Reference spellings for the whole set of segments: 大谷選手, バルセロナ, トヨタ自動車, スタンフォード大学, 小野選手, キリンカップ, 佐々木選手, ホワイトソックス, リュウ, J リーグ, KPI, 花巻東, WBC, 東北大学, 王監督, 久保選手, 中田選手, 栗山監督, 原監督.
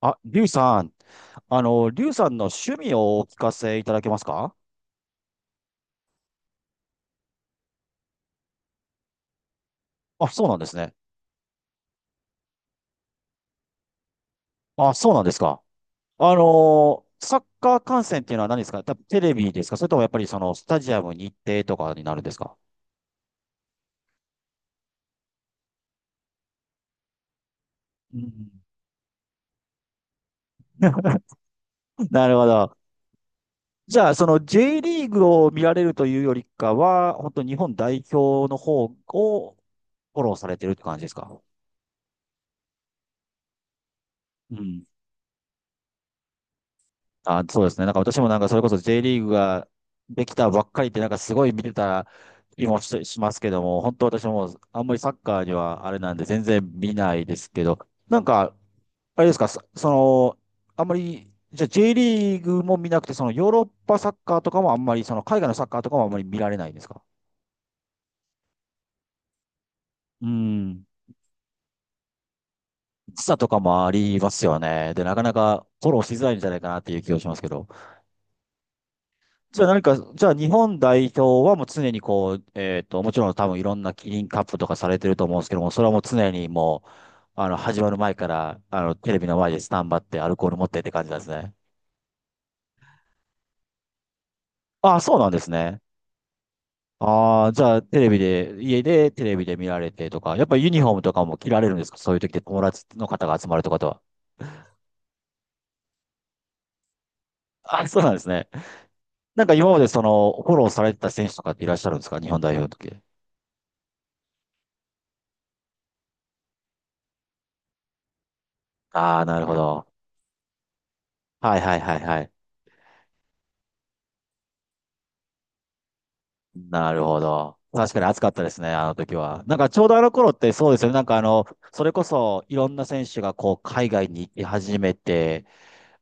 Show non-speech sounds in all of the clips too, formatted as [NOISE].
あ、リュウさん、リュウさんの趣味をお聞かせいただけますか？あ、そうなんですね。あ、そうなんですか。サッカー観戦っていうのは何ですか？多分テレビですか？それともやっぱりそのスタジアムに行ってとかになるんですか？うん [LAUGHS] なるほど。じゃあ、その J リーグを見られるというよりかは、本当日本代表の方をフォローされてるって感じですか？うん。あ、そうですね。なんか私もなんかそれこそ J リーグができたばっかりってなんかすごい見てた気もしますけども、本当私もあんまりサッカーにはあれなんで全然見ないですけど、なんか、あれですか、その、あんまり、じゃあ J リーグも見なくて、そのヨーロッパサッカーとかもあんまり、その海外のサッカーとかもあんまり見られないんですか？うん。時差とかもありますよね。で、なかなかフォローしづらいんじゃないかなっていう気がしますけど。じゃあ何か、じゃあ日本代表はもう常にこう、もちろん多分いろんなキリンカップとかされてると思うんですけども、それはもう常にもう、始まる前から、テレビの前でスタンバってアルコール持ってって感じなんですね。ああ、そうなんですね。ああ、じゃあテレビで、家でテレビで見られてとか、やっぱりユニフォームとかも着られるんですか？そういう時で友達の方が集まるとかとは。ああ、そうなんですね。なんか今までその、フォローされてた選手とかっていらっしゃるんですか？日本代表の時。ああ、なるほど。はいはいはいはい。なるほど。確かに暑かったですね、あの時は。なんかちょうどあの頃ってそうですよね。なんかそれこそいろんな選手がこう海外に行き始めて、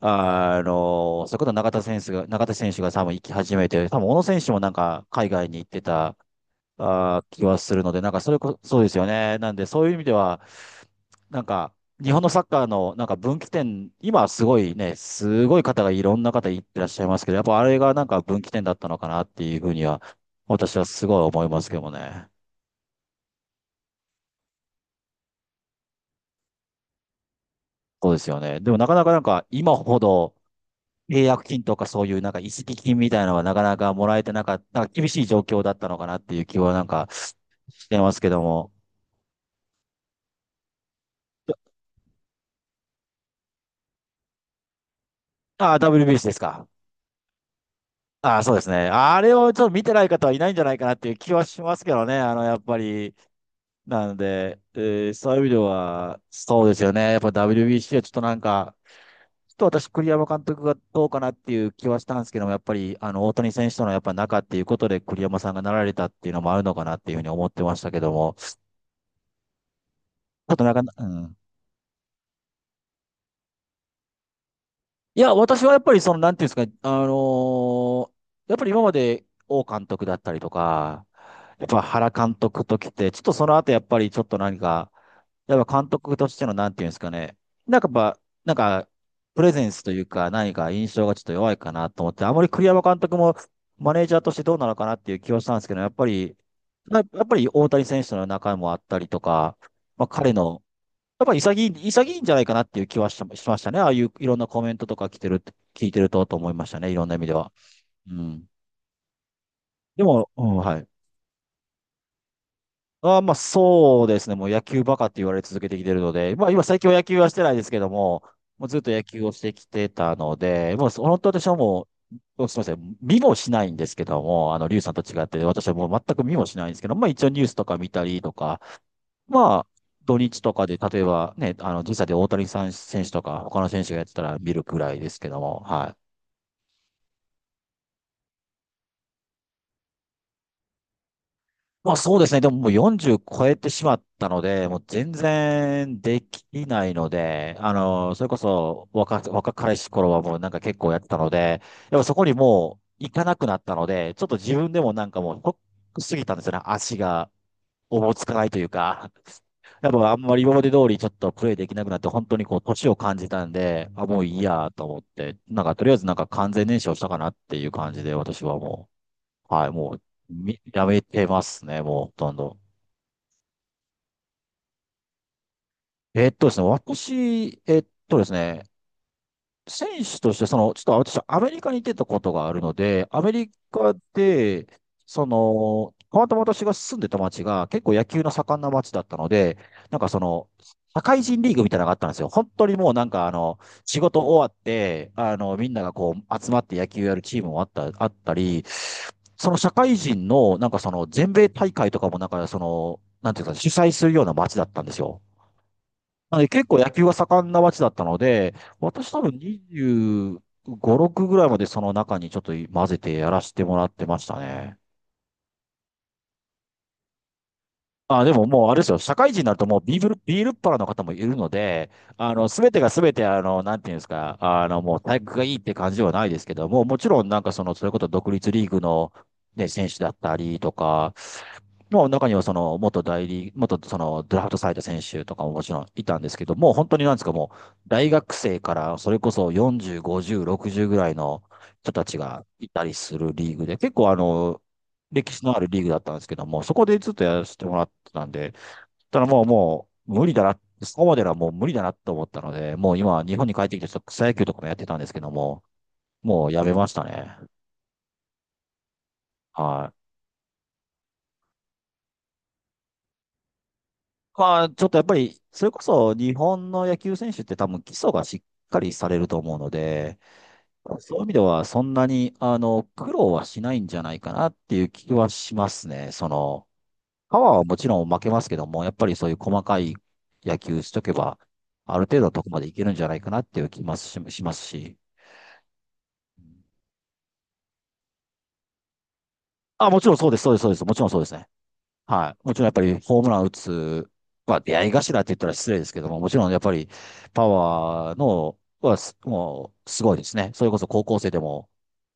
それこそ中田選手が多分行き始めて、多分小野選手もなんか海外に行ってた気はするので、なんかそれこ、そうですよね。なんで、そういう意味では、なんか、日本のサッカーのなんか分岐点、今はすごいね、すごい方がいろんな方いってらっしゃいますけど、やっぱあれがなんか分岐点だったのかなっていうふうには、私はすごい思いますけどもね。そうですよね。でもなかなかなんか今ほど契約金とかそういうなんか移籍金みたいなのはなかなかもらえてなかった、なんか厳しい状況だったのかなっていう気はなんかしてますけども。ああ、WBS ですか？ああ、そうですね。あれをちょっと見てない方はいないんじゃないかなっていう気はしますけどね。やっぱり、なので、そういう意味では、そうですよね。やっぱ WBC はちょっとなんか、ちょっと私、栗山監督がどうかなっていう気はしたんですけども、やっぱり、大谷選手とのやっぱ仲っていうことで栗山さんがなられたっていうのもあるのかなっていうふうに思ってましたけども、ちょっとなんか、うん。いや、私はやっぱりその、なんていうんですかね、ーやっぱり今まで王監督だったりとか、やっぱ原監督ときて、ちょっとその後やっぱりちょっと何か、やっぱ監督としてのなんていうんですかね、なんかやっぱ、なんか、プレゼンスというか何か印象がちょっと弱いかなと思って、あまり栗山監督もマネージャーとしてどうなのかなっていう気はしたんですけど、やっぱり、やっぱり大谷選手の中もあったりとか、まあ彼のやっぱり潔い、潔いんじゃないかなっていう気はしましたね。ああいういろんなコメントとか来てる、聞いてると思いましたね。いろんな意味では。うん。でも、うん、はい。まあそうですね。もう野球バカって言われ続けてきてるので、まあ今最近は野球はしてないですけども、もうずっと野球をしてきてたので、もう本当私はもう、すみません。見もしないんですけども、リュウさんと違って、私はもう全く見もしないんですけど、まあ一応ニュースとか見たりとか、まあ、土日とかで、例えばね、時差で大谷さん選手とか、他の選手がやってたら見るくらいですけども、はい。まあそうですね、でももう40超えてしまったので、もう全然できないので、それこそ若彼氏頃はもうなんか結構やってたので、やっぱそこにもう行かなくなったので、ちょっと自分でもなんかもうショックすぎたんですよね、足が。おぼつかないというか、[LAUGHS] やっぱあんまり今まで通りちょっとプレイできなくなって、本当にこう、年を感じたんで、あ、もういいやと思って、なんかとりあえずなんか完全燃焼したかなっていう感じで、私はもう、はい、もう、やめてますね、もうほとんど。ですね、私、ですね、選手として、その、ちょっと私、アメリカに出たことがあるので、アメリカで、その、たまたま私が住んでた町が結構野球の盛んな町だったので、なんかその、社会人リーグみたいなのがあったんですよ。本当にもうなんか仕事終わって、みんながこう、集まって野球やるチームもあったり、その社会人の、なんかその、全米大会とかもなんかその、なんていうか、主催するような町だったんですよ。なので結構野球が盛んな街だったので、私多分25、6ぐらいまでその中にちょっと混ぜてやらせてもらってましたね。あ、でももうあれですよ、社会人になるともうビールっ腹の方もいるので、すべてがすべて、なんていうんですか、もう体育がいいって感じではないですけども、もちろんなんかその、それこそ独立リーグの、ね、選手だったりとか、もう中にはその元代理、元そのドラフトされた選手とかももちろんいたんですけど、もう本当になんですか、もう大学生からそれこそ40、50、60ぐらいの人たちがいたりするリーグで、結構歴史のあるリーグだったんですけども、そこでずっとやらせてもらってたんで、ただもう無理だな、そこまではもう無理だなと思ったので、もう今日本に帰ってきてちょっと草野球とかもやってたんですけども、もうやめましたね。はい。まあ、ちょっとやっぱり、それこそ日本の野球選手って多分基礎がしっかりされると思うので、そういう意味ではそんなに、苦労はしないんじゃないかなっていう気はしますね。その、パワーはもちろん負けますけども、やっぱりそういう細かい野球しとけば、ある程度のとこまでいけるんじゃないかなっていう気もしますし。あ、もちろんそうです、そうです、そうです。もちろんそうですね。はい。もちろんやっぱりホームラン打つ、まあ出会い頭って言ったら失礼ですけども、もちろんやっぱりパワーの、はす、もうすごいですね。それこそ高校生でも、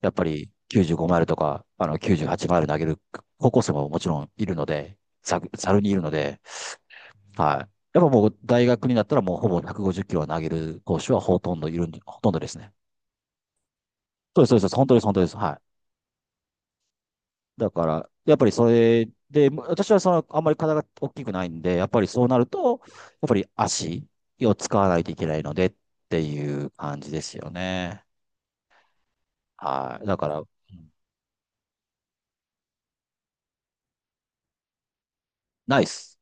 やっぱり95マイルとか、あの98マイル投げる高校生ももちろんいるので、ざるにいるので、はい。やっぱもう大学になったらもうほぼ150キロは投げる投手はほとんどいるんで、ほとんどですね。そうです、そうです。本当です、本当です。はい。だから、やっぱりそれで、ま私はその、あんまり体が大きくないんで、やっぱりそうなると、やっぱり足を使わないといけないのでっていう感じですよね。はい。だから、うんないです。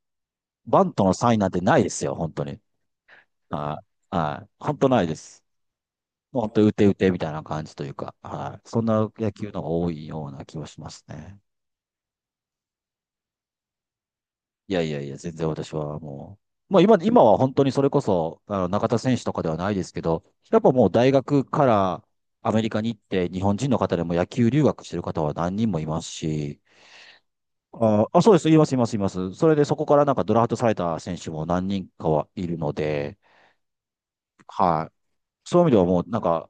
バントのサインなんてないですよ、本当に。はい。はい。本当ないです。もう本当、打て打てみたいな感じというか、はい。そんな野球の方が多いような気はしますね。いやいやいや、全然私はもう、今は本当にそれこそ、中田選手とかではないですけど、やっぱもう大学からアメリカに行って、日本人の方でも野球留学してる方は何人もいますし、そうです、います、います、います。それでそこからなんかドラフトされた選手も何人かはいるので、はい。そういう意味ではもうなんか、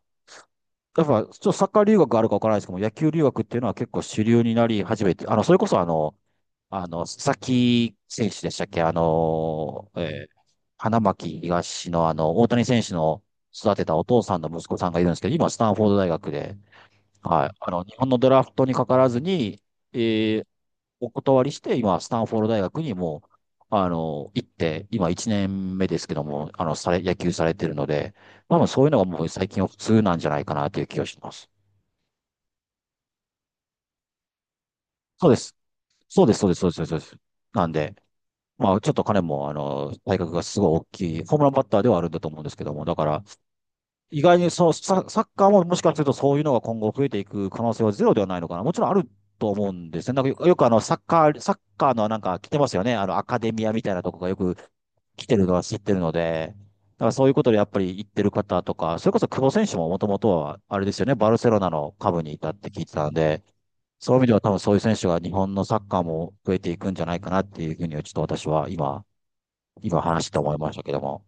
やっぱ、ちょっとサッカー留学あるかわからないですけども、野球留学っていうのは結構主流になり始めて、あの、それこそあの、あの、佐々木選手でしたっけあの、花巻東のあの、大谷選手の育てたお父さんの息子さんがいるんですけど、今、スタンフォード大学で、はい、あの、日本のドラフトにかからずに、えーお断りして、今、スタンフォード大学にもう、あの、行って、今1年目ですけども、野球されてるので、多分そういうのがもう最近は普通なんじゃないかなという気がします。そうです。そうです、そうです、そうです、そうです。そうですなんで、まあ、ちょっと彼も、あの、体格がすごい大きい、ホームランバッターではあるんだと思うんですけども、だから、意外にそうサ、サッカーももしかするとそういうのが今後増えていく可能性はゼロではないのかな。もちろんあると思うんですね。よくあの、サッカーのなんか来てますよね。あの、アカデミアみたいなとこがよく来てるのは知ってるので、だからそういうことでやっぱり言ってる方とか、それこそ久保選手ももともとは、あれですよね、バルセロナの下部にいたって聞いてたんで、そういう意味では多分そういう選手が日本のサッカーも増えていくんじゃないかなっていうふうにはちょっと私は今話して思いましたけども。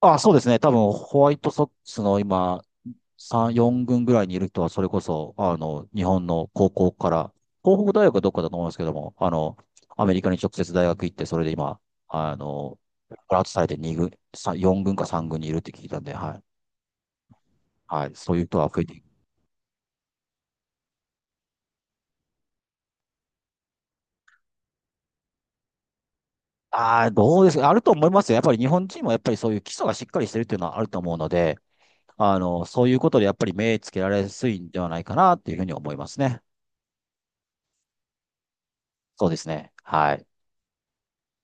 あ、そうですね。多分、ホワイトソックスの今、3、4軍ぐらいにいる人は、それこそ、あの、日本の高校から、東北大学はどっかだと思いますけども、あの、アメリカに直接大学行って、それで今、あの、プラスされて2軍、さ4軍か3軍にいるって聞いたんで、はい。はい。そういう人は増えていく。ああ、どうですかあると思いますよ。やっぱり日本人もやっぱりそういう基礎がしっかりしてるっていうのはあると思うので、あの、そういうことでやっぱり目つけられやすいんではないかなっていうふうに思いますね。そうですね。はい。